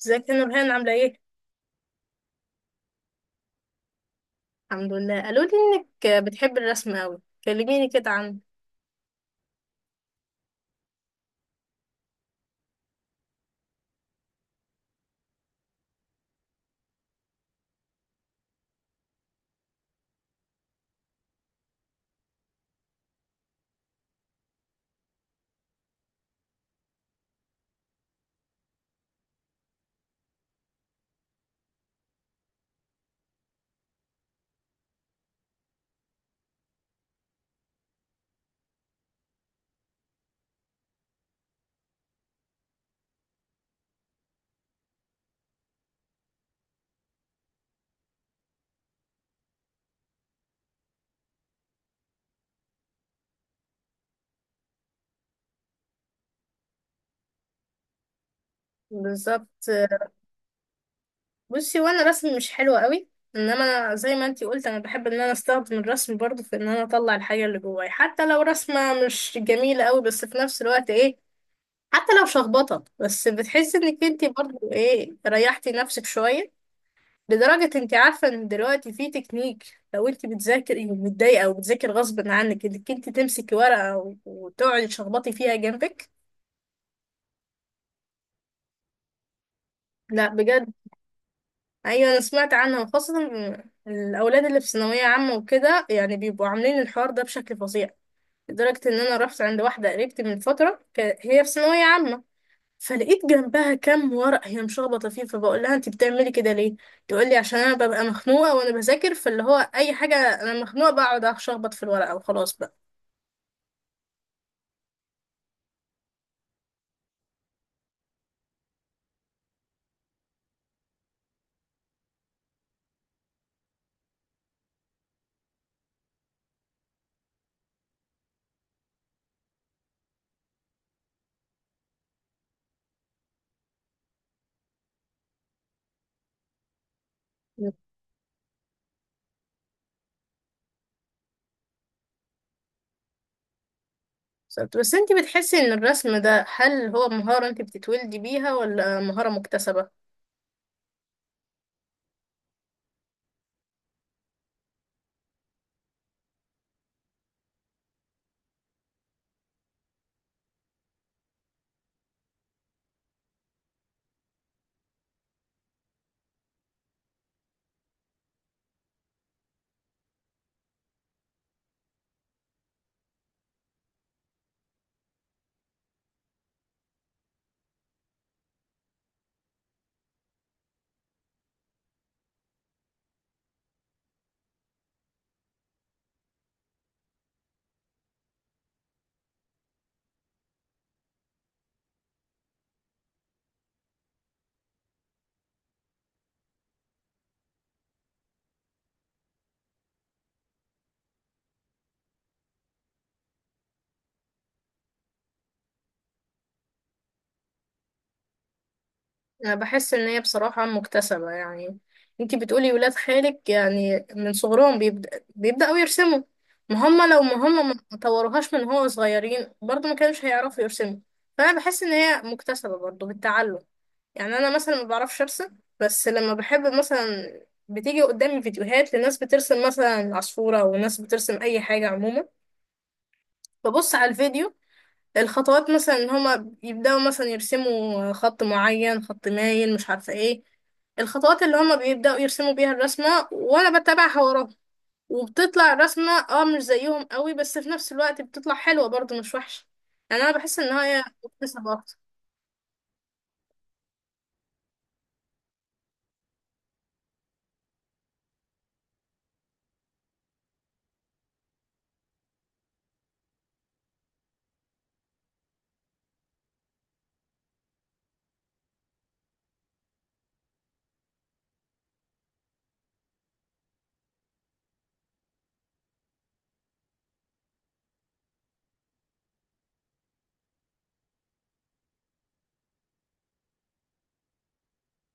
ازيك يا نورهان عاملة ايه؟ الحمد لله قالوا لي انك بتحب الرسم قوي. كلميني كده عنه. بالظبط. بصي وانا رسم مش حلو قوي، انما أنا زي ما انتي قلت انا بحب ان انا استخدم الرسم برضو في ان انا اطلع الحاجة اللي جواي، حتى لو رسمة مش جميلة قوي بس في نفس الوقت ايه، حتى لو شخبطة بس بتحسي انك انتي برضو ايه، ريحتي نفسك شوية. لدرجة انت عارفة ان دلوقتي في تكنيك، لو انت بتذاكري ومتضايقة او بتذاكري غصب عنك انك انت تمسكي ورقة وتقعدي تشخبطي فيها جنبك. لا بجد. ايوه انا سمعت عنها، وخاصة الاولاد اللي في ثانوية عامة وكده يعني بيبقوا عاملين الحوار ده بشكل فظيع. لدرجة ان انا رحت عند واحدة قريبتي من فترة هي في ثانوية عامة، فلقيت جنبها كام ورق هي مشخبطه فيه، فبقول لها انت بتعملي كده ليه؟ تقول لي عشان انا ببقى مخنوقه وانا بذاكر فاللي هو اي حاجه انا مخنوقه بقعد اشخبط في الورقه وخلاص بقى. بالظبط. بس انت بتحسي ان الرسم ده هل هو مهاره انت بتتولدي بيها ولا مهاره مكتسبه؟ أنا بحس إن هي بصراحة مكتسبة يعني. انتي بتقولي ولاد خالك يعني من صغرهم بيبدأوا يرسموا، ما هم لو ما طوروهاش من هو صغيرين برضو ما كانوش هيعرفوا يرسموا. فأنا بحس إن هي مكتسبة برضو بالتعلم. يعني أنا مثلا ما بعرفش أرسم، بس لما بحب مثلا بتيجي قدامي فيديوهات لناس بترسم مثلا عصفورة وناس بترسم أي حاجة عموما، ببص على الفيديو الخطوات مثلا ان هما يبداوا مثلا يرسموا خط معين، خط مايل، مش عارفه ايه الخطوات اللي هما بيبداوا يرسموا بيها الرسمه، وانا بتابعها وراهم وبتطلع الرسمه، اه مش زيهم قوي بس في نفس الوقت بتطلع حلوه برضو، مش وحشه. يعني انا بحس ان هي مكتسبه اكتر.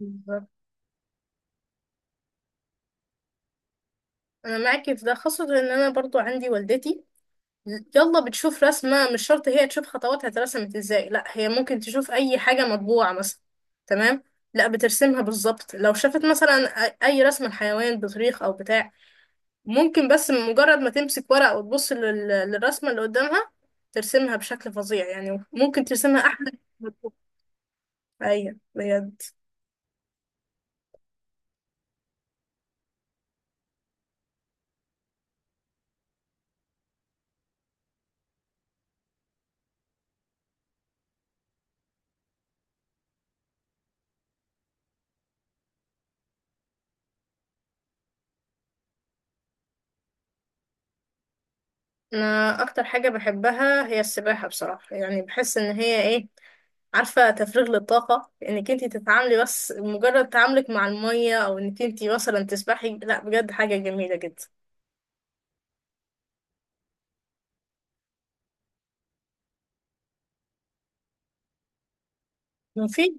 بالظبط. انا معاكي في ده، خاصه ان انا برضو عندي والدتي يلا بتشوف رسمة مش شرط هي تشوف خطواتها اترسمت ازاي، لا هي ممكن تشوف اي حاجة مطبوعة مثلا. تمام. لا بترسمها بالظبط، لو شافت مثلا اي رسمة لحيوان، بطريق او بتاع ممكن، بس مجرد ما تمسك ورق وتبص للرسمة اللي قدامها ترسمها بشكل فظيع. يعني ممكن ترسمها احلى من المكتوب. ايوه بجد. انا اكتر حاجة بحبها هي السباحة بصراحة. يعني بحس ان هي ايه، عارفة، تفريغ للطاقة، انك انتي تتعاملي بس مجرد تعاملك مع المية او انك انتي مثلا تسبحي، لا بجد حاجة جميلة جدا. في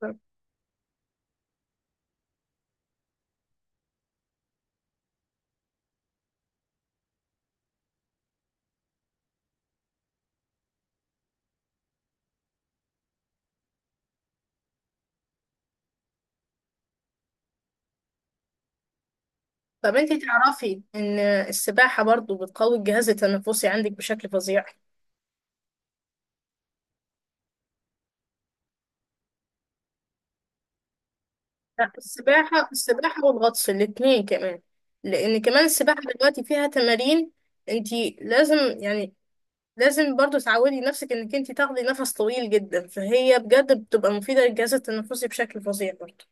طب انتي تعرفي ان السباحة برضو بتقوي الجهاز التنفسي عندك بشكل فظيع؟ لا السباحة، السباحة والغطس الاتنين كمان. لأن كمان السباحة دلوقتي فيها تمارين، انتي لازم يعني لازم برضو تعودي نفسك انك انتي تاخدي نفس طويل جدا، فهي بجد بتبقى مفيدة للجهاز التنفسي بشكل فظيع برضو.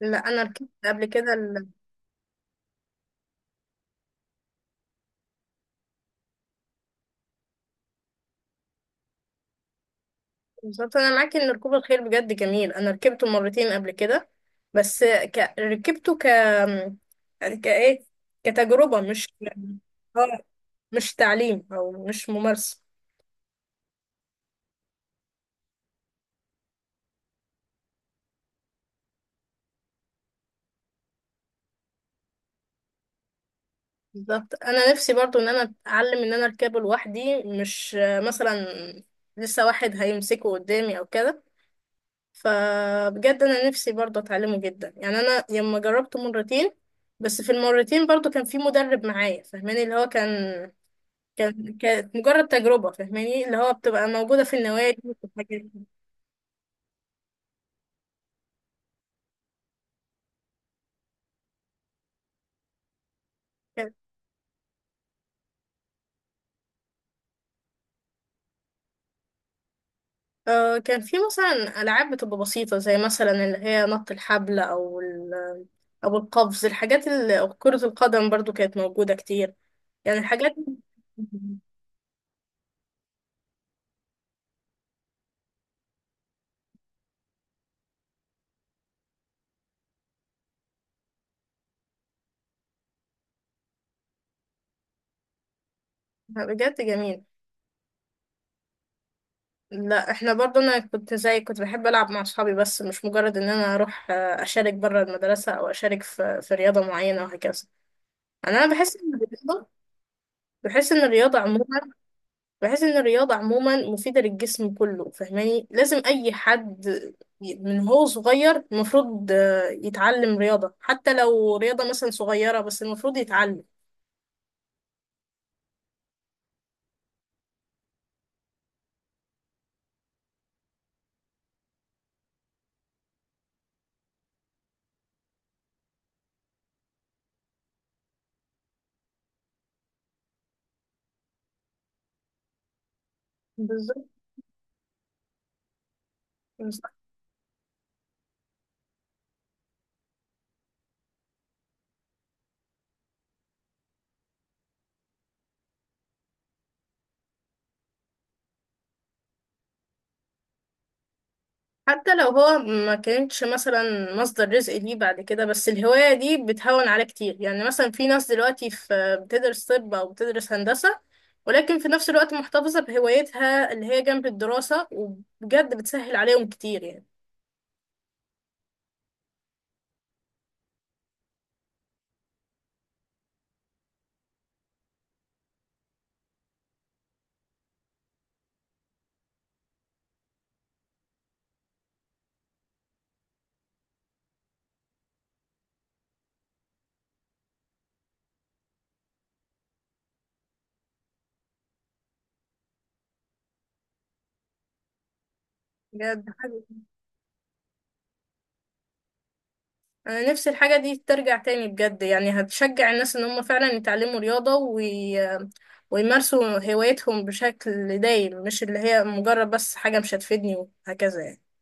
لا انا ركبت قبل كده بالظبط. انا معاكي ان ركوب الخيل بجد جميل. انا ركبته مرتين قبل كده بس ك... ركبته ك كايه كتجربه مش اه، مش تعليم او مش ممارسه. بالظبط. انا نفسي برضو ان انا اتعلم ان انا اركبه لوحدي، مش مثلا لسه واحد هيمسكه قدامي او كده. فبجد انا نفسي برضو اتعلمه جدا. يعني انا لما جربته مرتين بس في المرتين برضو كان في مدرب معايا فاهماني اللي هو كان، كانت مجرد تجربة فاهماني اللي هو بتبقى موجودة في النوادي وفي الحاجات دي. كان كان في مثلا ألعاب بتبقى بسيطة، زي مثلا اللي هي نط الحبل أو القفز، الحاجات اللي أو كرة القدم برضو كانت موجودة كتير. يعني الحاجات بجد جميل. لا احنا برضو انا كنت زي كنت بحب العب مع اصحابي، بس مش مجرد ان انا اروح اشارك بره المدرسه او اشارك في رياضه معينه وهكذا. يعني انا بحس ان بحس ان الرياضه عموما الرياضة عموما مفيدة للجسم كله، فاهماني لازم اي حد من هو صغير المفروض يتعلم رياضة، حتى لو رياضة مثلا صغيرة بس المفروض يتعلم. بالظبط. بالظبط. حتى لو هو ما كانتش مثلا مصدر رزق ليه بعد كده، بس الهواية دي بتهون عليه كتير. يعني مثلا في ناس دلوقتي في بتدرس طب أو بتدرس هندسة ولكن في نفس الوقت محتفظة بهوايتها اللي هي جنب الدراسة، وبجد بتسهل عليهم كتير يعني. بجد انا نفسي الحاجة دي ترجع تاني، بجد يعني هتشجع الناس ان هم فعلا يتعلموا رياضة ويمارسوا هوايتهم بشكل دايم، مش اللي هي مجرد بس حاجة مش هتفيدني وهكذا يعني.